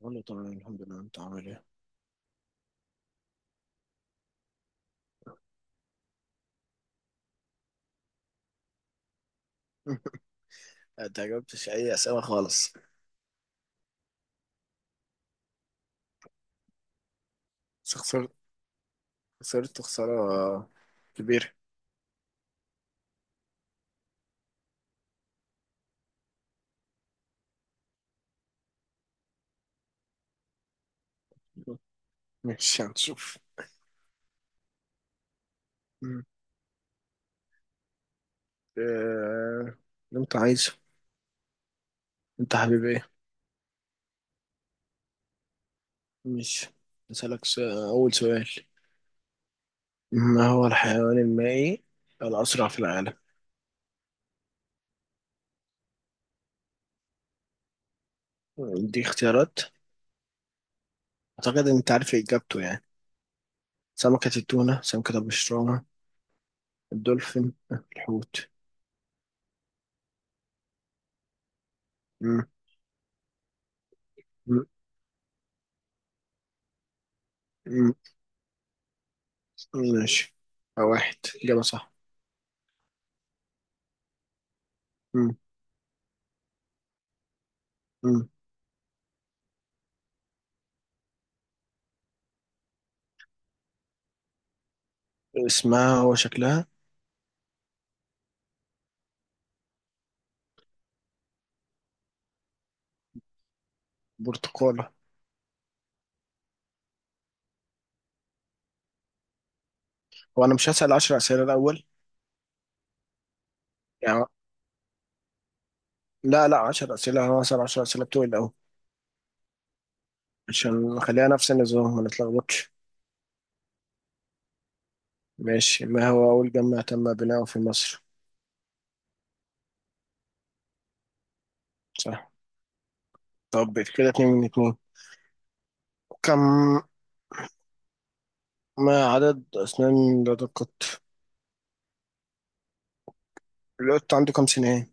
والله تمام، الحمد لله. انت عامل ايه؟ انت جاوبتش اي اسئله خالص. بس خسرت خساره كبيره. مش هنشوف. مم. آه، اللي انت عايزه. انت حبيب ايه؟ مش اسالك اول سؤال. ما هو الحيوان المائي الاسرع في العالم؟ دي اختيارات. اعتقد ان انت عارف اجابته يعني. سمكه التونه، سمكه البشرانه، الدولفين، الحوت. مم. مم. مم. ماشي، واحد اجابه صح. مم. مم. اسمها وشكلها. برتقالة. هو أنا مش هسأل 10 أسئلة الأول؟ يعني، لا لا، 10 أسئلة، أنا هسأل 10 أسئلة بتوعي الأول، عشان نخليها نفس النظام ما نتلخبطش. ماشي. ما هو أول جامع تم بناؤه في مصر؟ صح. طب كده اتنين من اتنين. كم ما عدد أسنان لدى القط؟ القط عنده كم سنة؟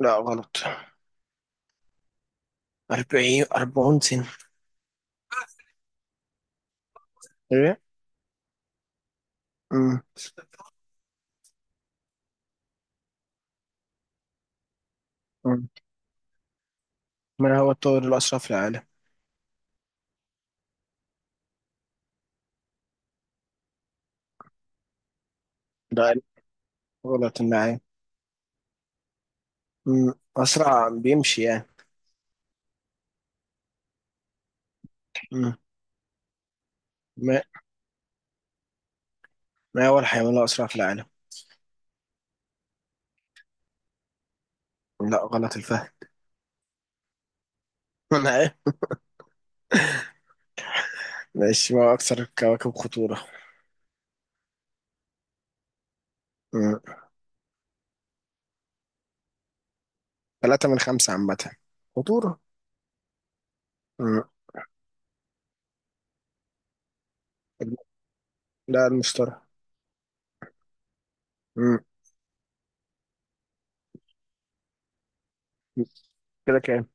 لا، غلط، 40، 40 سنة. إيه؟ أمم، أمم. ما هو الطائر الأسرع في العالم؟ ده غلط، النعام. أسرع بيمشي يعني. أمم. ما هو الحيوان الأسرع في العالم؟ لا غلط، الفهم. أنا إيه؟ ماشي، ما هو أكثر الكواكب خطورة؟ مم. ثلاثة من خمسة عامة. خطورة. مم. لا، المشتري. مم. كده كام؟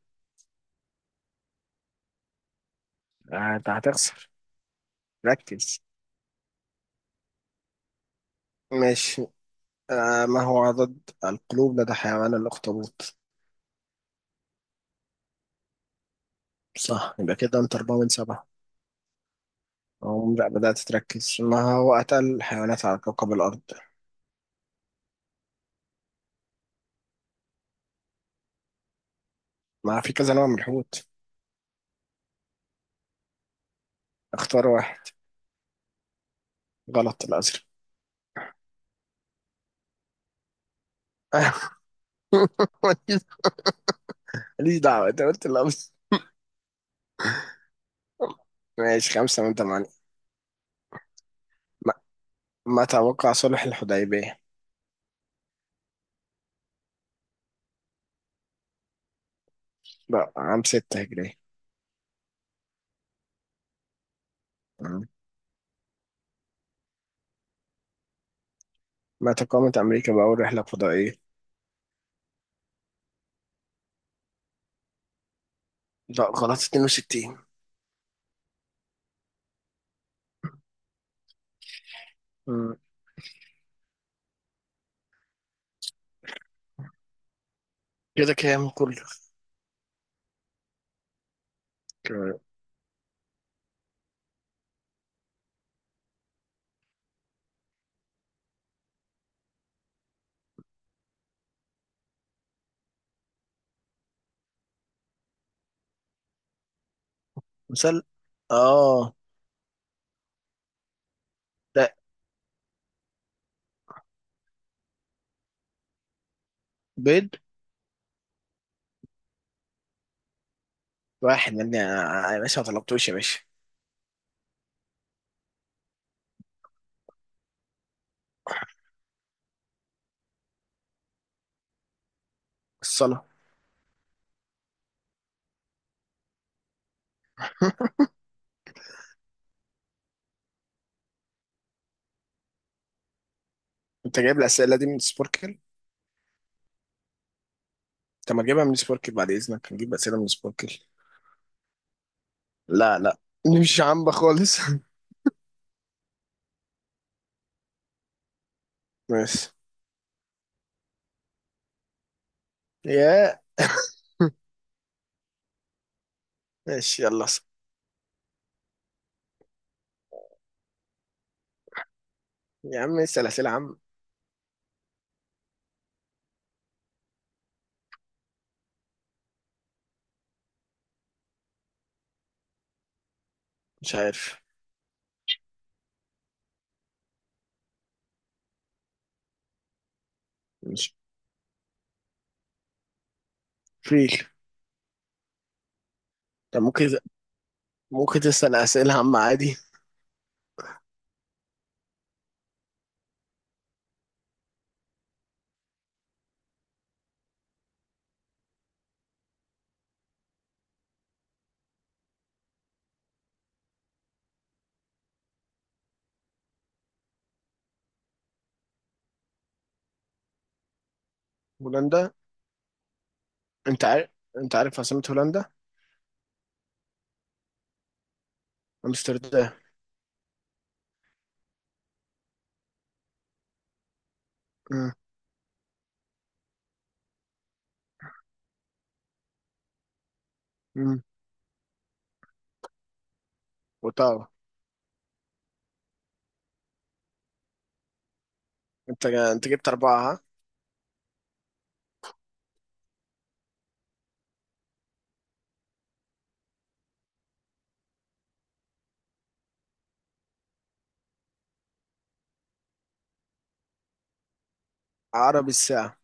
آه، أنت هتخسر. ركز. ماشي. آه، ما هو عدد القلوب لدى حيوان الأخطبوط؟ صح، يبقى كده أنت أربعة من سبعة. أو لا، بدأت تركز؟ ما هو أتقل الحيوانات على كوكب الأرض؟ ما في كذا نوع من الحوت. اختار واحد. غلط، الأزرق. ماليش ماليش دعوة، أنت قلت الأبيض. ماشي، خمسة من ثمانية. ما, ما توقع صلح الحديبية؟ لا، عام 6 هجرية. مم. ما تقامت أمريكا بأول رحلة فضائية؟ لا، غلط، 62. مم. كده كام كله؟ كام؟ مثال. اه لا، بيض. واحد من، يا باشا ما طلبتوش يا باشا. الصلاة. انت جايب الأسئلة دي من سبوركل؟ طب ما تجيبها من سبوركل بعد إذنك، نجيب أسئلة من سبوركل. لا لا، دي مش عامة خالص. ماشي. يا ماشي، يلا اسأل. يا عم اسأل أسئلة عامة. مش عارف. مش فيل. طب ممكن، ممكن تسأل أسئلة عامة عادي. هولندا. أنت عارف أنت عارف عاصمة هولندا. أمستردام. أمم، أمم. وطبعا، أنت جبت أربعة ها؟ عربي الساعة.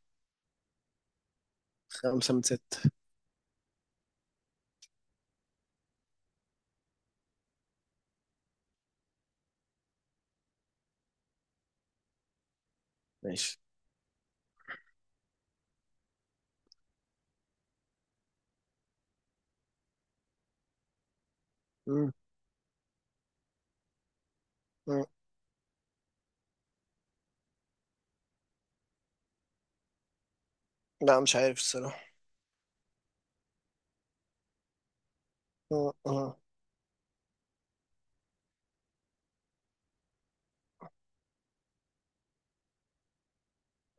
خمسة من ستة. ماشي. أمم، أمم. لا مش عارف الصراحة. أمم، أمم.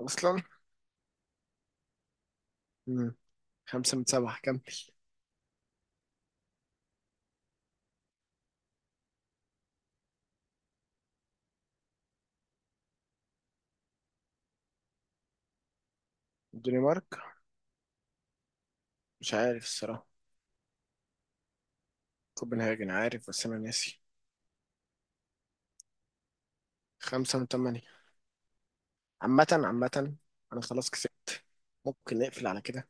أصلا. أمم. خمسة من سبعة كم؟ الدنمارك. مش عارف الصراحة. كوبنهاجن، عارف بس أنا ناسي. خمسة من تمانية. عامة، عامة. أنا خلاص كسبت، ممكن نقفل على كده.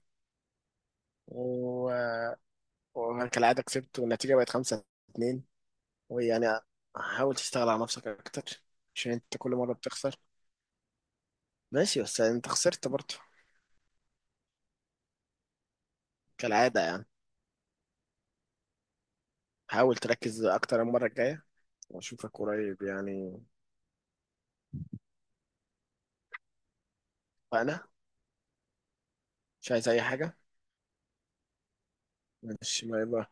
و وأنا كالعادة كسبت، والنتيجة بقت خمسة اتنين. ويعني، حاول تشتغل على نفسك أكتر، عشان أنت كل مرة بتخسر. ماشي بس يعني أنت خسرت برضه، كالعادة يعني. حاول تركز أكتر المرة الجاية، وأشوفك قريب يعني. وأنا مش عايز أي حاجة. ماشي، باي باي.